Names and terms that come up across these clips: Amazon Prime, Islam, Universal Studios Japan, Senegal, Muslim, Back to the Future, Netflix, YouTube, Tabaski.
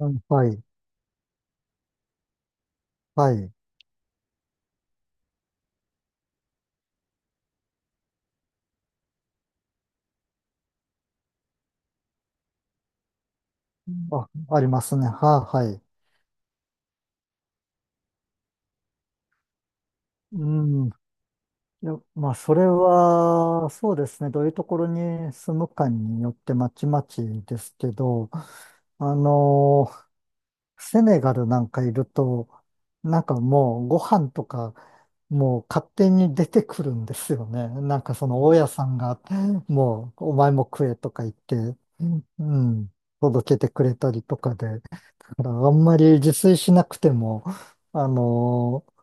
うん、はい、はい。あ、ありますね。はい。うん。いや、まあ、それは、そうですね。どういうところに住むかによってまちまちですけど、あの、セネガルなんかいると、なんかもうご飯とか、もう勝手に出てくるんですよね。なんかその大家さんが、もうお前も食えとか言って、うん、届けてくれたりとかで。だからあんまり自炊しなくても、あのー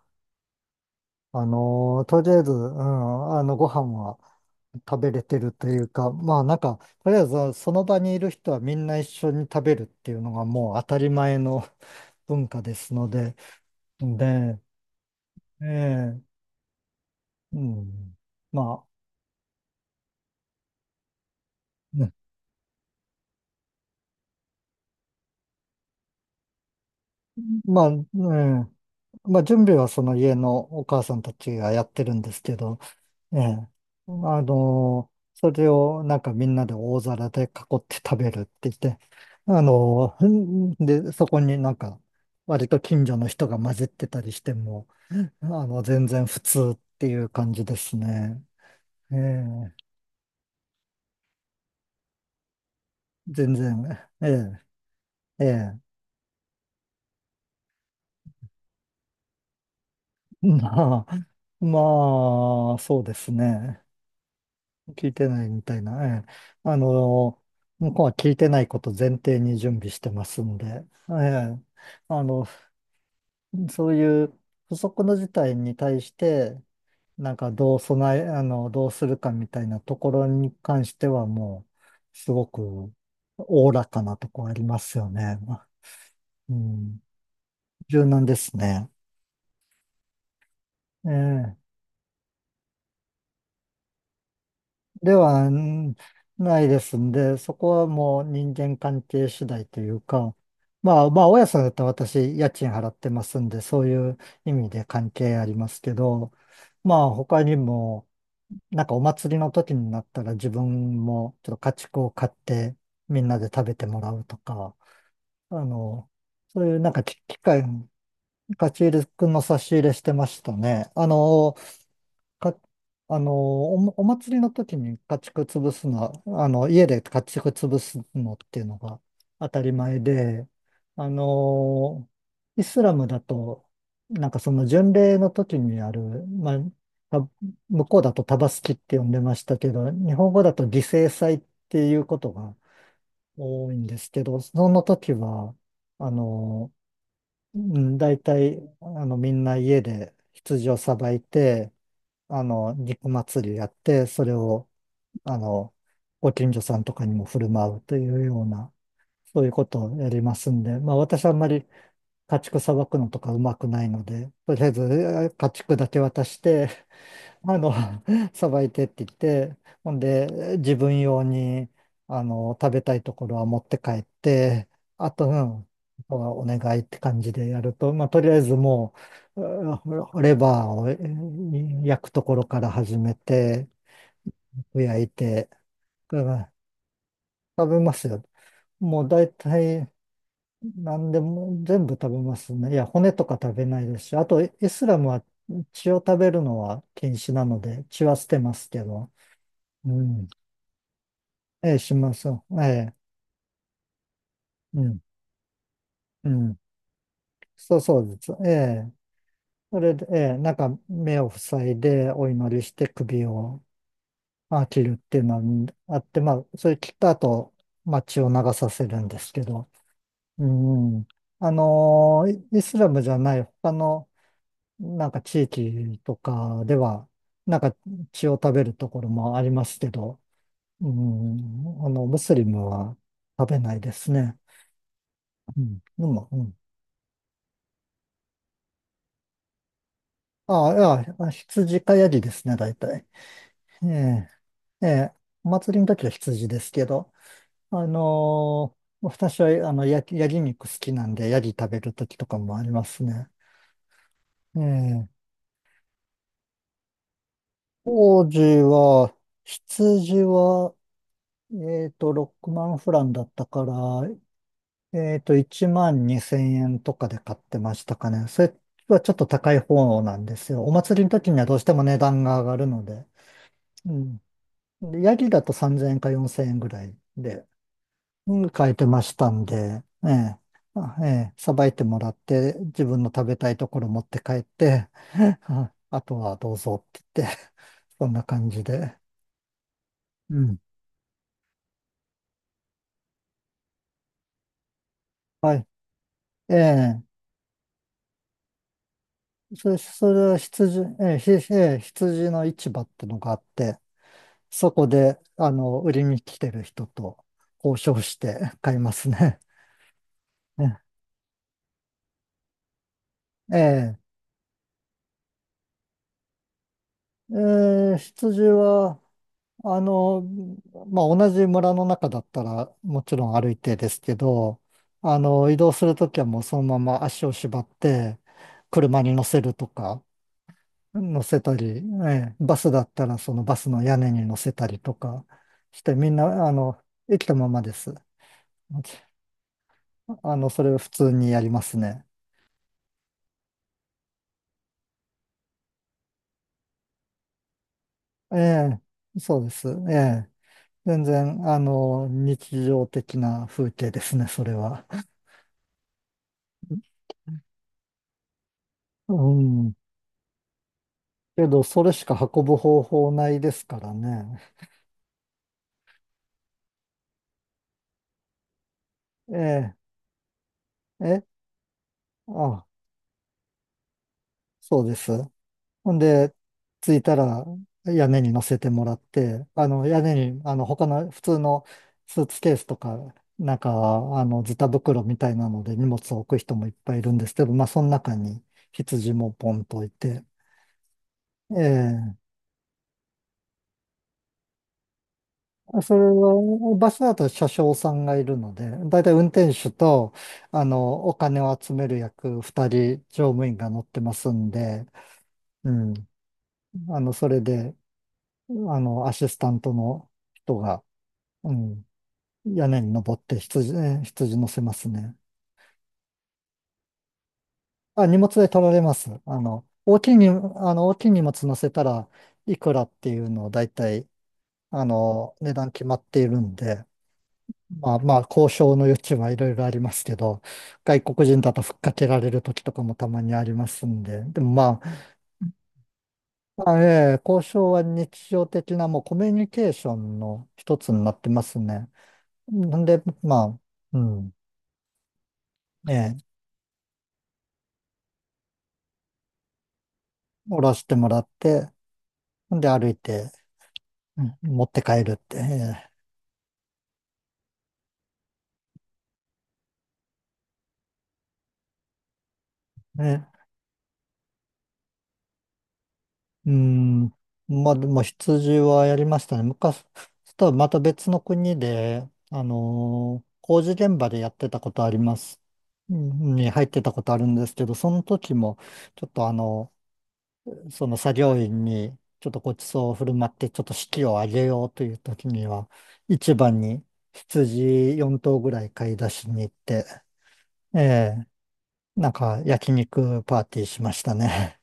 とりあえず、うん、ご飯は食べれてるというか、まあなんか、とりあえずその場にいる人はみんな一緒に食べるっていうのがもう当たり前の 文化ですので、で、ええうん、まあ、まあ、うんまあ準備はその家のお母さんたちがやってるんですけど、ええ。それをなんかみんなで大皿で囲って食べるって言って、で、そこになんか割と近所の人が混じってたりしても、全然普通っていう感じですね。ええ。全然、ええ、ええ。まあ、まあ、そうですね。聞いてないみたいな、ええ。あの、向こうは聞いてないこと前提に準備してますんで、ええ。あの、そういう不測の事態に対して、なんかどう備え、どうするかみたいなところに関してはもう、すごくおおらかなとこありますよね。うん。柔軟ですね。ええ。では、んないですんで、そこはもう人間関係次第というか、まあまあ、大家さんだったら私、家賃払ってますんで、そういう意味で関係ありますけど、まあ他にも、なんかお祭りの時になったら自分もちょっと家畜を買ってみんなで食べてもらうとか、あの、そういうなんかき機械、家ち入くんの差し入れしてましたね。あの、か、あの、お、お祭りの時に家畜潰すのは、家で家畜潰すのっていうのが当たり前で、あの、イスラムだと、なんかその巡礼の時にある、まあ、た向こうだとタバスキって呼んでましたけど、日本語だと犠牲祭っていうことが多いんですけど、その時は、あの、うん大体、みんな家で羊をさばいて、肉祭りやって、それを、あの、ご近所さんとかにも振る舞うというような、そういうことをやりますんで、まあ私あんまり家畜さばくのとかうまくないので、とりあえず家畜だけ渡して、あの、さばいてって言って、ほんで、自分用に、食べたいところは持って帰って、あと、うん、あとはお願いって感じでやると、まあ、とりあえずもう、うんほレバーを焼くところから始めて、焼いて、うん食べますよ。もう大体、何でも全部食べますね。いや、骨とか食べないですし、あと、イスラムは血を食べるのは禁止なので、血は捨てますけど、うん。ええ、します。ええ、うん、うん。そうそうです。ええ、それで、ええ、なんか目を塞いでお祈りして首を切るっていうのがあって、まあ、それ切った後、まあ、血を流させるんですけど、うん。あのーイスラムじゃない他のなんか地域とかでは、なんか血を食べるところもありますけど、うん、ムスリムは食べないですね。うん、でも、うんああ、いや、羊かヤギですね、大体。ええ、ええ、お祭りの時は羊ですけど、私は、ヤギ、ヤギ肉好きなんで、ヤギ食べる時とかもありますね。ええ、当時は、羊は、6万フランだったから、1万2千円とかで買ってましたかね。それはちょっと高い方なんですよ。お祭りの時にはどうしても値段が上がるので。うんでヤギだと3000円か4000円ぐらいで、うん買えてましたんで、ええ、さばいてもらって、自分の食べたいところ持って帰って、ああとはどうぞって言って、そんな感じで。うん。はい。ええ、それは羊、ええ、え羊の市場ってのがあって、そこで、売りに来てる人と交渉して買いますね。ええ、え羊は、あの、まあ、同じ村の中だったらもちろん歩いてですけど、移動するときはもうそのまま足を縛って車に乗せるとか、乗せたり、ええバスだったらそのバスの屋根に乗せたりとかして、みんな、生きたままです。それを普通にやりますね。ええ、そうです。ええ、全然、日常的な風景ですね、それは。うんけど、それしか運ぶ方法ないですからね。ええ、あ、そうです。ほんで、着いたら屋根に乗せてもらって、屋根に、他の普通のスーツケースとか、なんか、ズタ袋みたいなので荷物を置く人もいっぱいいるんですけど、まあ、その中に羊もポンと置いて、ええそれは、バスだと車掌さんがいるので、だいたい運転手と、お金を集める役、二人乗務員が乗ってますんで、うん。それで、アシスタントの人が、うん、屋根に登って羊、羊乗せますね。あ、荷物で取られます。大きい荷物乗せたらいくらっていうのをだいたい、値段決まっているんで、まあまあ、交渉の余地はいろいろありますけど、外国人だとふっかけられる時とかもたまにありますんで、でもまあ、まあ交渉は日常的なもうコミュニケーションの一つになってますね。なんで、まあ、うん、ええ、下ろしてもらって、んで歩いて、うん持って帰るって、ええうん。まあ、でも羊はやりましたね。昔、とはまた別の国で、工事現場でやってたことあります。うんに入ってたことあるんですけど、その時も、ちょっとその作業員に、ちょっとごちそうを振る舞って、ちょっと士気を上げようという時には、市場に羊4頭ぐらい買い出しに行って、ええなんか焼肉パーティーしましたね。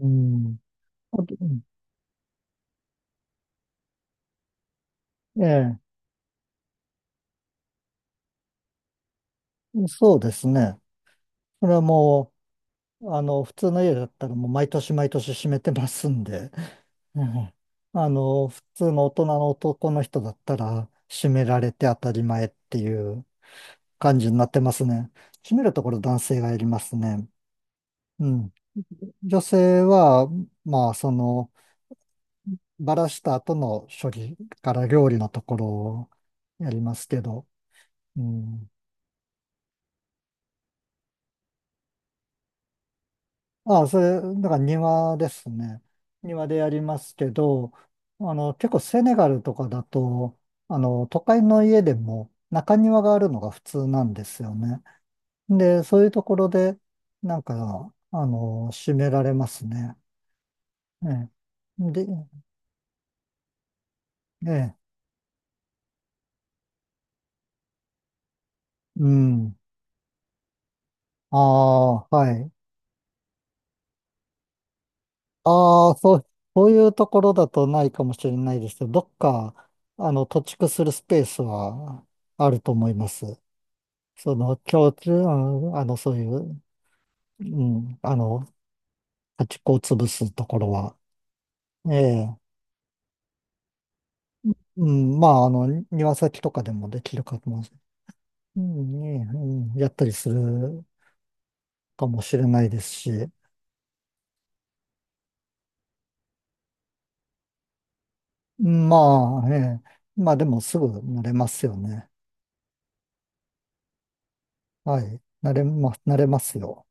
うん。あとうんええそうですね。それはもう、普通の家だったらもう毎年毎年閉めてますんで、うん普通の大人の男の人だったら閉められて当たり前っていう感じになってますね。閉めるところ男性がやりますね。うん。女性は、まあ、その、バラした後の処理から料理のところをやりますけど、うん。ああ、だから庭ですね。庭でやりますけど、結構セネガルとかだと、都会の家でも中庭があるのが普通なんですよね。で、そういうところで、なんか、閉められますね。ええ。で、ええ、うん。ああ、はい。ああ、そう、そういうところだとないかもしれないですけど、どっか、土地区するスペースはあると思います。その共通、うんあの、そういう、うん、あの、端っこを潰すところは、ええ、うん、まあ、庭先とかでもできるかもしれない、うやったりするかもしれないですし、うんまあ、ええ、まあでもすぐ慣れますよね。はい、慣れますよ。